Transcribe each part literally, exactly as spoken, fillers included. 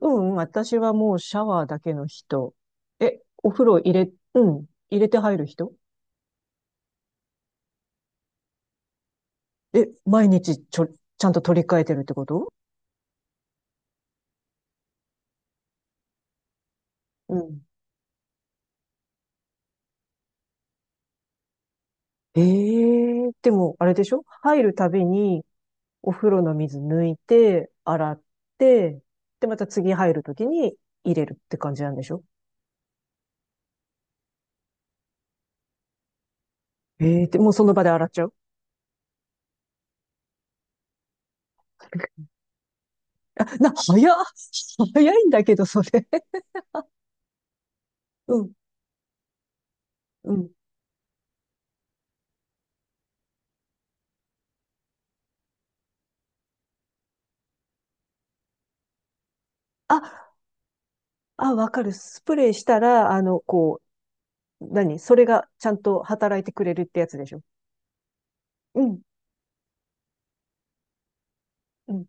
うん、私はもうシャワーだけの人。え、お風呂入れ、うん、入れて入る人？え、毎日ちょ、ちゃんと取り替えてるってこと？うん。ええ、でも、あれでしょ？入るたびに、お風呂の水抜いて、洗って、で、また次入るときに入れるって感じなんでしょ？ええ、で、もうその場で洗っちゃう？あ、な、早っ。早いんだけど、それ。うん、うん。あ、あ、わかる。スプレーしたら、あの、こう、何それがちゃんと働いてくれるってやつでしょ？うん、うん。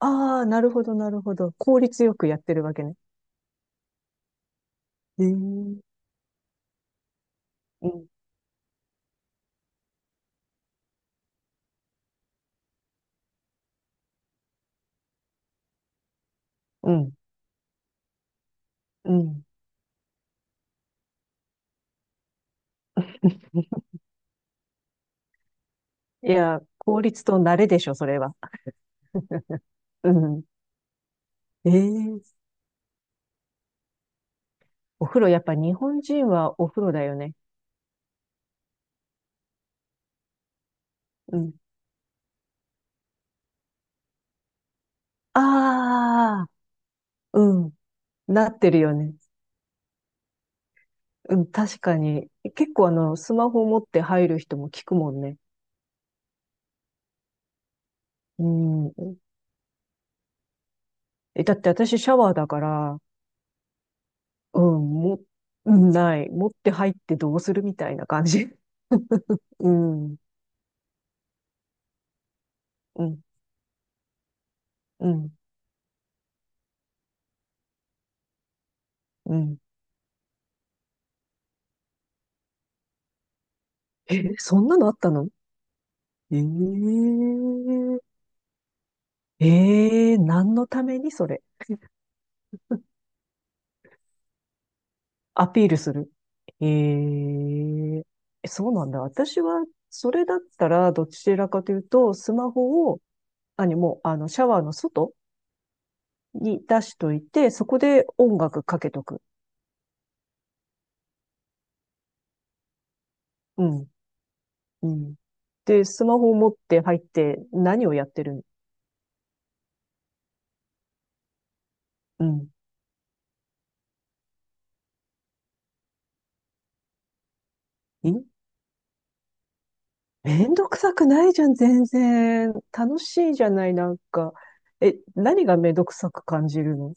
ああ、なるほど、なるほど。効率よくやってるわけね。へえ。うん、うん、うん。いや、効率と慣れでしょ、それは。うん。ええ、お風呂、やっぱ日本人はお風呂だよね。うん。ああ、うん。なってるよね。うん、確かに。結構、あの、スマホ持って入る人も聞くもんね。うん。えだって私シャワーだから、うん、も、うん、ない。持って入ってどうするみたいな感じ。うん、うん、うん、うん。え、そんなのあったの？えー、えー、何のためにそれ？アピールする。えー、そうなんだ。私は、それだったら、どちらかというと、スマホを、何もう、あの、シャワーの外に出しといて、そこで音楽かけとく。うん。うん。で、スマホを持って入って何をやってるん？うん。いめんどくさくないじゃん、全然。楽しいじゃない、なんか。え、何がめんどくさく感じるの？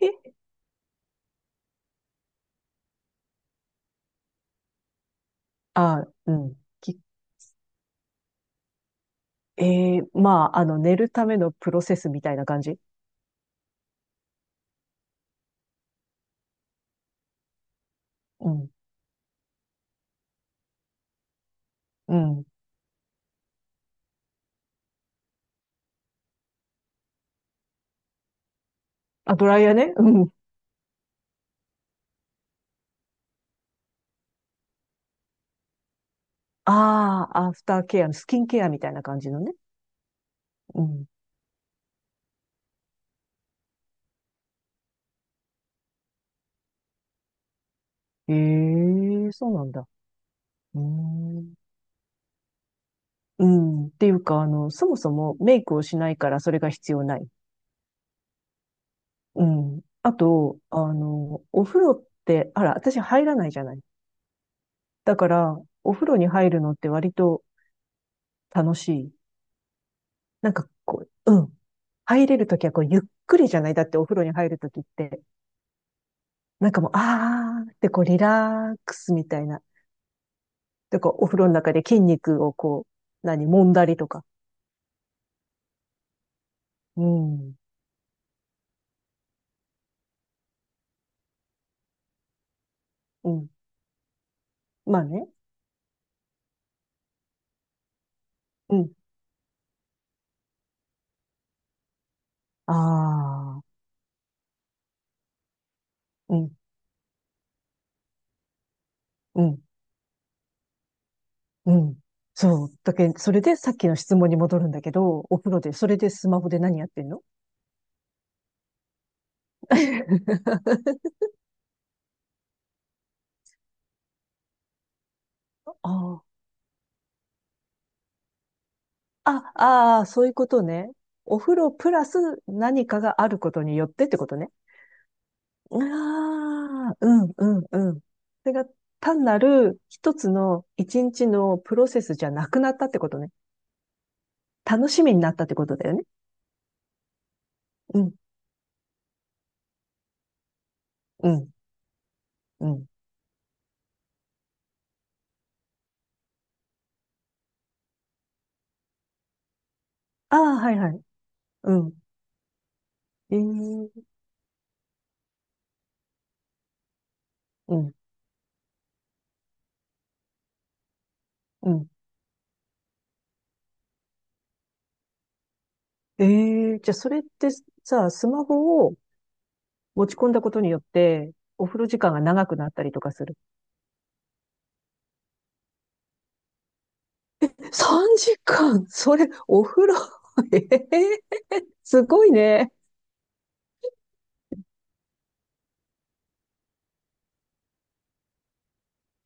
え、あ、うん。きえーまあ、あの、寝るためのプロセスみたいな感じ？うん。うん。あ、ドライヤーね。うん。ああ、アフターケアのスキンケアみたいな感じのね。うん。ええ、そうなんだ。うーん。うん。っていうか、あの、そもそもメイクをしないからそれが必要ない。うん。あと、あの、お風呂って、あら、私入らないじゃない。だから、お風呂に入るのって割と楽しい。なんかこう、うん。入れるときはこう、ゆっくりじゃない。だってお風呂に入るときって、なんかもう、あーってこう、リラックスみたいな。で、こう、お風呂の中で筋肉をこう、何、揉んだりとか。うん。うん。まあね。うん。あー。うん。うんうん。そう。だけど、それでさっきの質問に戻るんだけど、お風呂で、それでスマホで何やってんの？ ああ、あああ、そういうことね。お風呂プラス何かがあることによってってことね。ああ、うん、うん、うん。それが単なる一つの一日のプロセスじゃなくなったってことね。楽しみになったってことだよね。うん、うん、うん。ああ、はいはい。うん。ええ、うん、うん。ええ、じゃあそれってさ、スマホを持ち込んだことによって、お風呂時間が長くなったりとかする？さんじかん？それ、お風呂？ ええ、すごいね。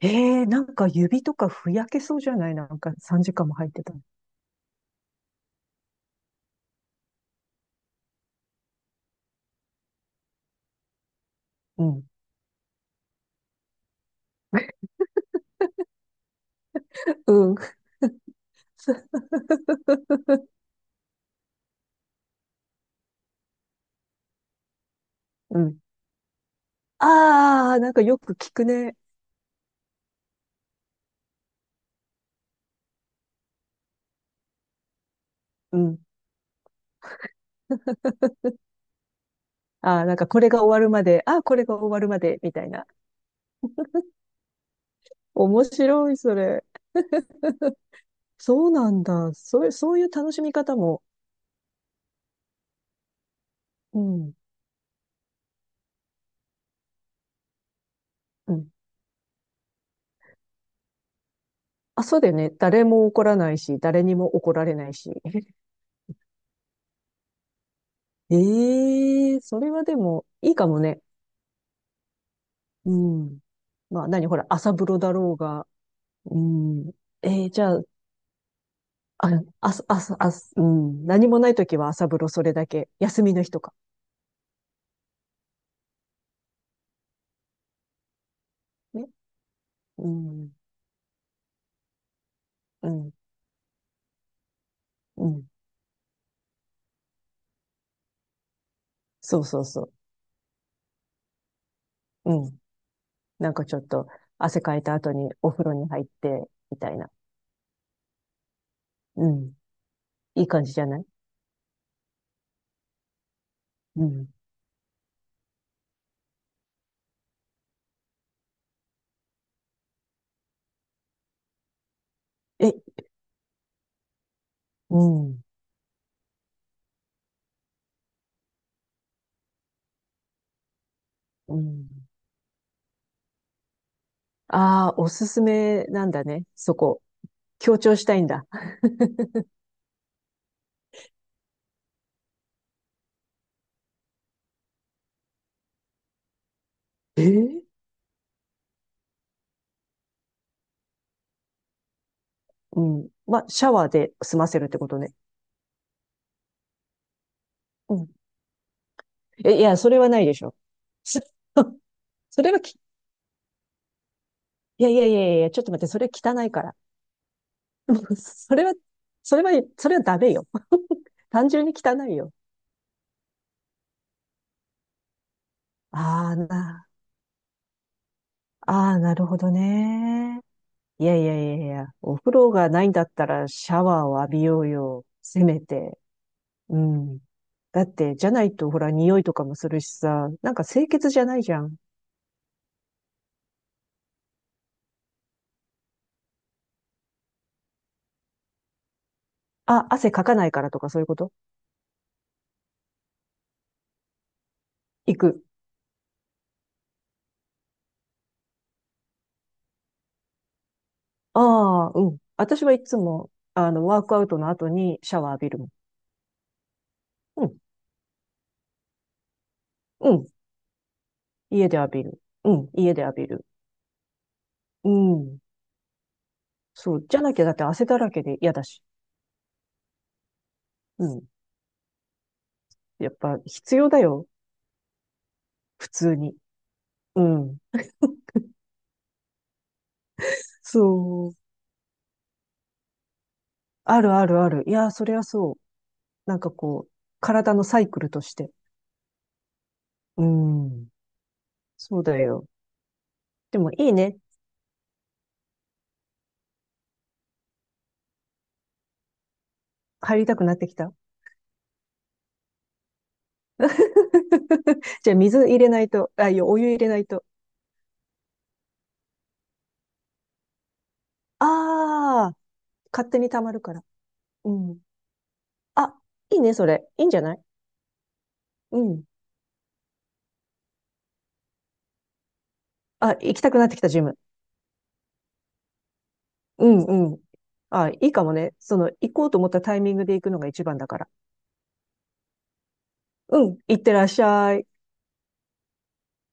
ええ、なんか指とかふやけそうじゃない？なんかさんじかんも入ってたら。うん。うん。うん。ああ、なんかよく聞くね。うん。ああ、なんかこれが終わるまで、ああ、これが終わるまで、みたいな。面白い、それ。そうなんだ。そういう、そういう楽しみ方も。うん。うん、あ、そうだよね。誰も怒らないし、誰にも怒られないし。ええー、それはでも、いいかもね。うん。まあ、何ほら、朝風呂だろうが。うん。えー、じゃあ、あ、あ、あ、あ、うん。何もないときは朝風呂それだけ。休みの日とか。ね。うん。うん。うん。そうそうそう。うん。なんかちょっと、汗かいた後にお風呂に入って、みたいな。うん。いい感じじゃない？うん。え、うん。うん。ああ、おすすめなんだね。そこ。強調したいんだ。えーうん。まあ、シャワーで済ませるってことね。うん。え、いや、それはないでしょ。そ それはき、いやいやいやいや、ちょっと待って、それ汚いから。それは、それは、それはダメよ。単純に汚いよ。ああ、な、ああ、なるほどね。いやいやいやいや、お風呂がないんだったらシャワーを浴びようよ。せめて。うん。だって、じゃないとほら、匂いとかもするしさ、なんか清潔じゃないじゃん。あ、汗かかないからとかそういうこと？行く。ああ、うん。私はいつも、あの、ワークアウトの後にシャワー浴びるもん。うん、うん。家で浴びる。うん、家で浴びる。うん。そう。じゃなきゃだって汗だらけで嫌だし。うん。やっぱ必要だよ。普通に。うん。そう。あるあるある。いや、それはそう。なんかこう、体のサイクルとして。うん。そうだよ。でもいいね。入りたくなってきた。じゃあ水入れないと、あ、いや、お湯入れないと。ああ、勝手に溜まるから。うん。あ、いいね、それ。いいんじゃない？うん。あ、行きたくなってきた、ジム。うんうん。あ、いいかもね。その、行こうと思ったタイミングで行くのが一番だから。うん。行ってらっしゃい。